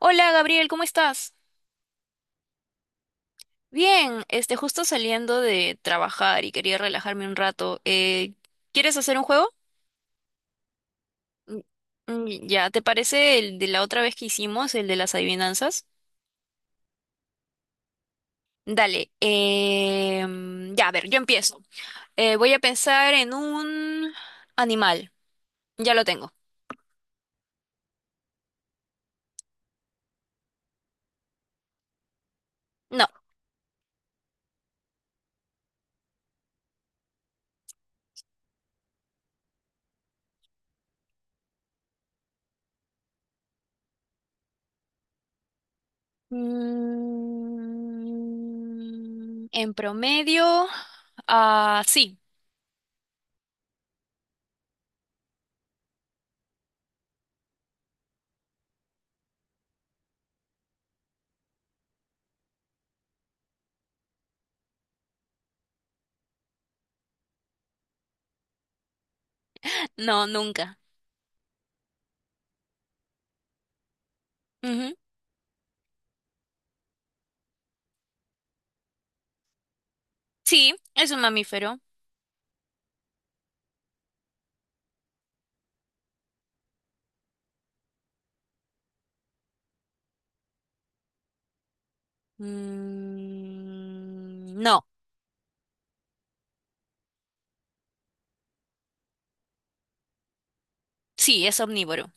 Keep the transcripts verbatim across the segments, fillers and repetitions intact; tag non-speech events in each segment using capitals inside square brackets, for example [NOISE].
Hola Gabriel, ¿cómo estás? Bien, este, justo saliendo de trabajar y quería relajarme un rato. Eh, ¿quieres hacer un juego? Mm, mm, ya, ¿te parece el de la otra vez que hicimos, el de las adivinanzas? Dale, eh, mm, ya, a ver, yo empiezo. Eh, voy a pensar en un animal. Ya lo tengo. No. Mm, en promedio, ah, sí. [LAUGHS] No, nunca. Ujú. Sí, es un mamífero. Mm, no, sí, es omnívoro.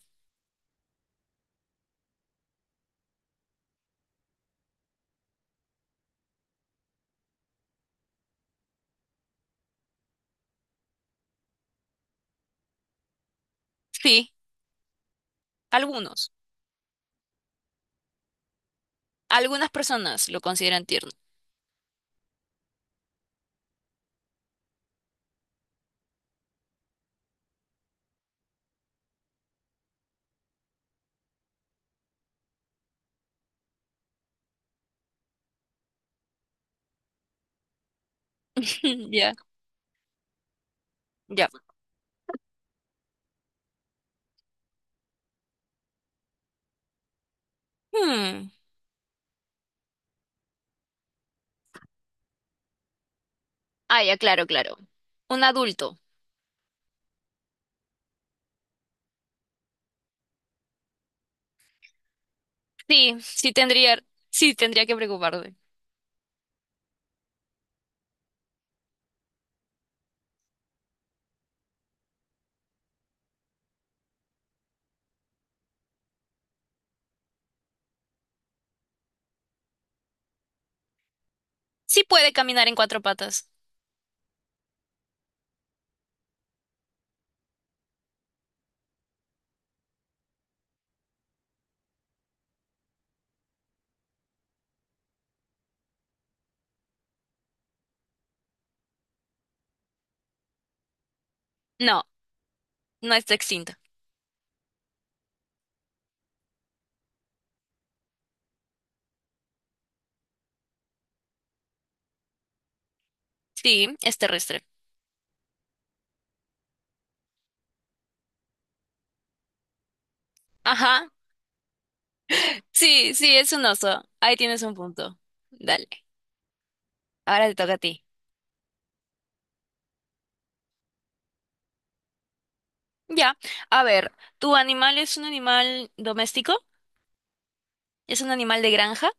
Sí, algunos. Algunas personas lo consideran tierno. [LAUGHS] Ya, ya. Hmm. Ah, ya, claro, claro. Un adulto. Sí, sí tendría, sí tendría que preocuparme. Sí puede caminar en cuatro patas. No, no está extinto. Sí, es terrestre. Ajá. Sí, sí, es un oso. Ahí tienes un punto. Dale. Ahora te toca a ti. Ya. A ver, ¿tu animal es un animal doméstico? ¿Es un animal de granja?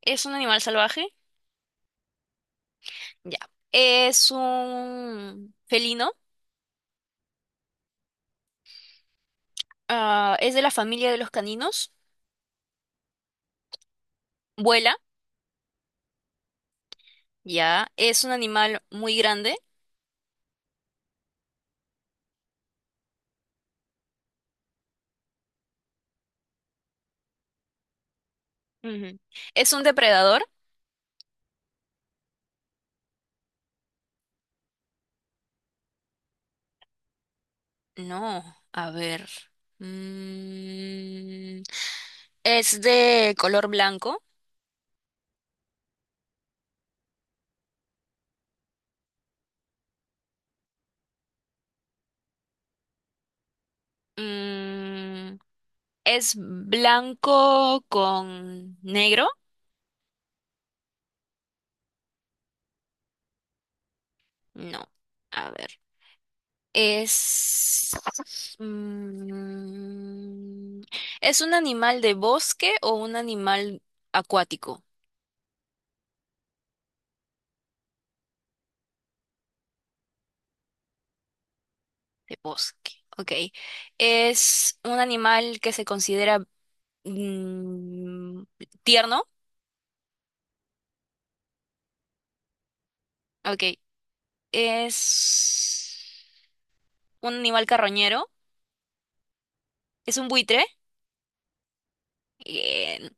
¿Es un animal salvaje? Ya. ¿Es un felino? Ah, ¿es de la familia de los caninos? ¿Vuela? Ya. ¿Es un animal muy grande? Ujú. ¿Es un depredador? No. A ver. Mm, ¿Es de color blanco? Mm, ¿Es blanco con negro? No. A ver. Es... mm, ¿Es un animal de bosque o un animal acuático? De bosque, ok. ¿Es un animal que se considera mm, tierno? Ok. ¿Es un animal carroñero? ¿Es un buitre? Bien. [LAUGHS]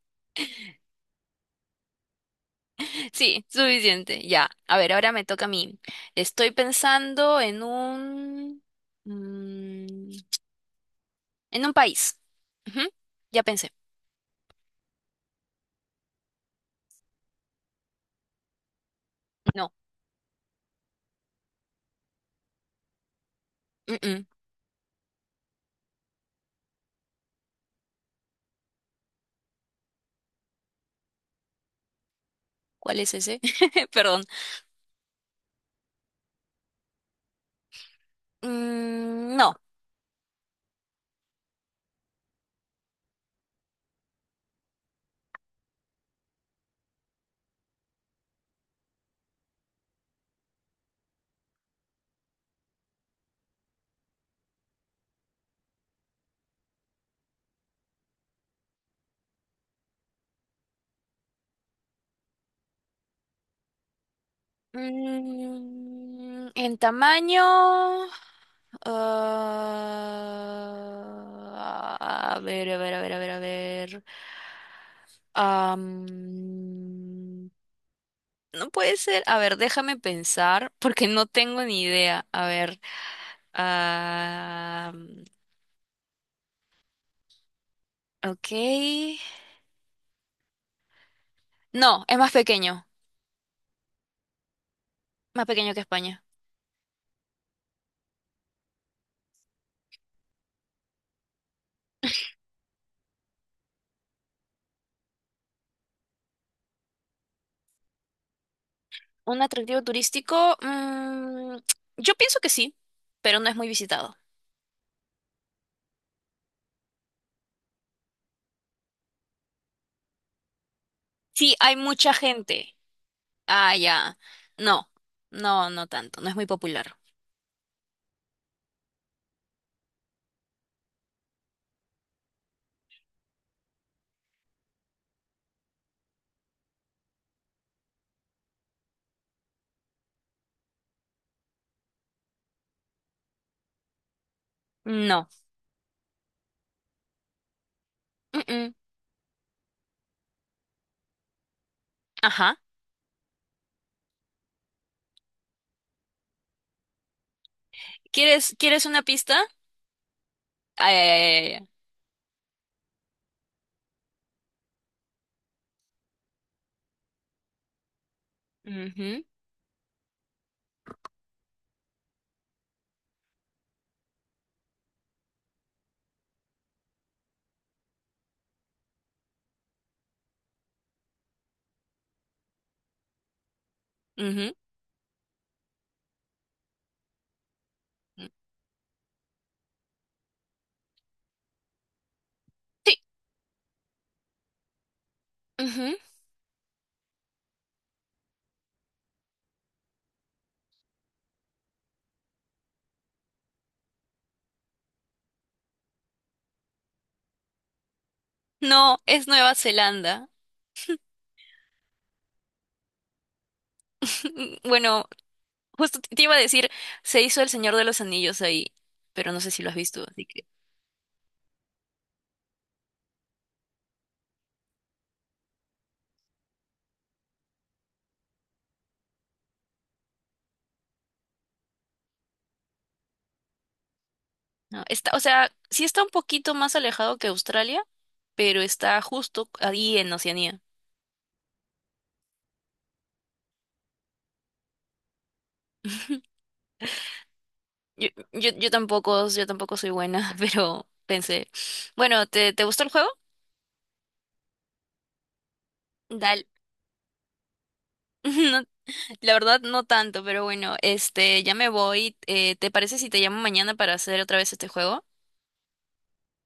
Sí, suficiente. Ya. A ver, ahora me toca a mí. Estoy pensando en un... mm, En un país. Ujú, ya pensé. No. Mm-mm. ¿Cuál es ese? [LAUGHS] Perdón. Mm, no. Mm, en tamaño. Ah, a ver, a ver, a ver, a ver, a ver. Am, no puede ser. A ver, déjame pensar porque no tengo ni idea. A ver. am, ok. No, es más pequeño. Más pequeño que España. ¿Un atractivo turístico? Mm, yo pienso que sí, pero no es muy visitado. Sí, hay mucha gente. Ah, ya. No, no, no tanto. No es muy popular. No. Mm-mm. Ajá. ¿Quieres, quieres una pista? Ay, ay, ay, ay, ay. Ujú, ujú. Sí. Ujú. No, es Nueva Zelanda. [LAUGHS] Bueno, justo te iba a decir, se hizo El Señor de los Anillos ahí, pero no sé si lo has visto, así que no. Está, o sea, sí está un poquito más alejado que Australia, pero está justo ahí en Oceanía. Yo, yo, yo tampoco, yo tampoco soy buena, [LAUGHS] pero pensé, bueno, ¿te, te gustó el juego? Dale. [LAUGHS] No, la verdad no tanto, pero bueno, este, ya me voy. Eh, ¿te parece si te llamo mañana para hacer otra vez este juego?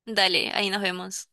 Dale, ahí nos vemos.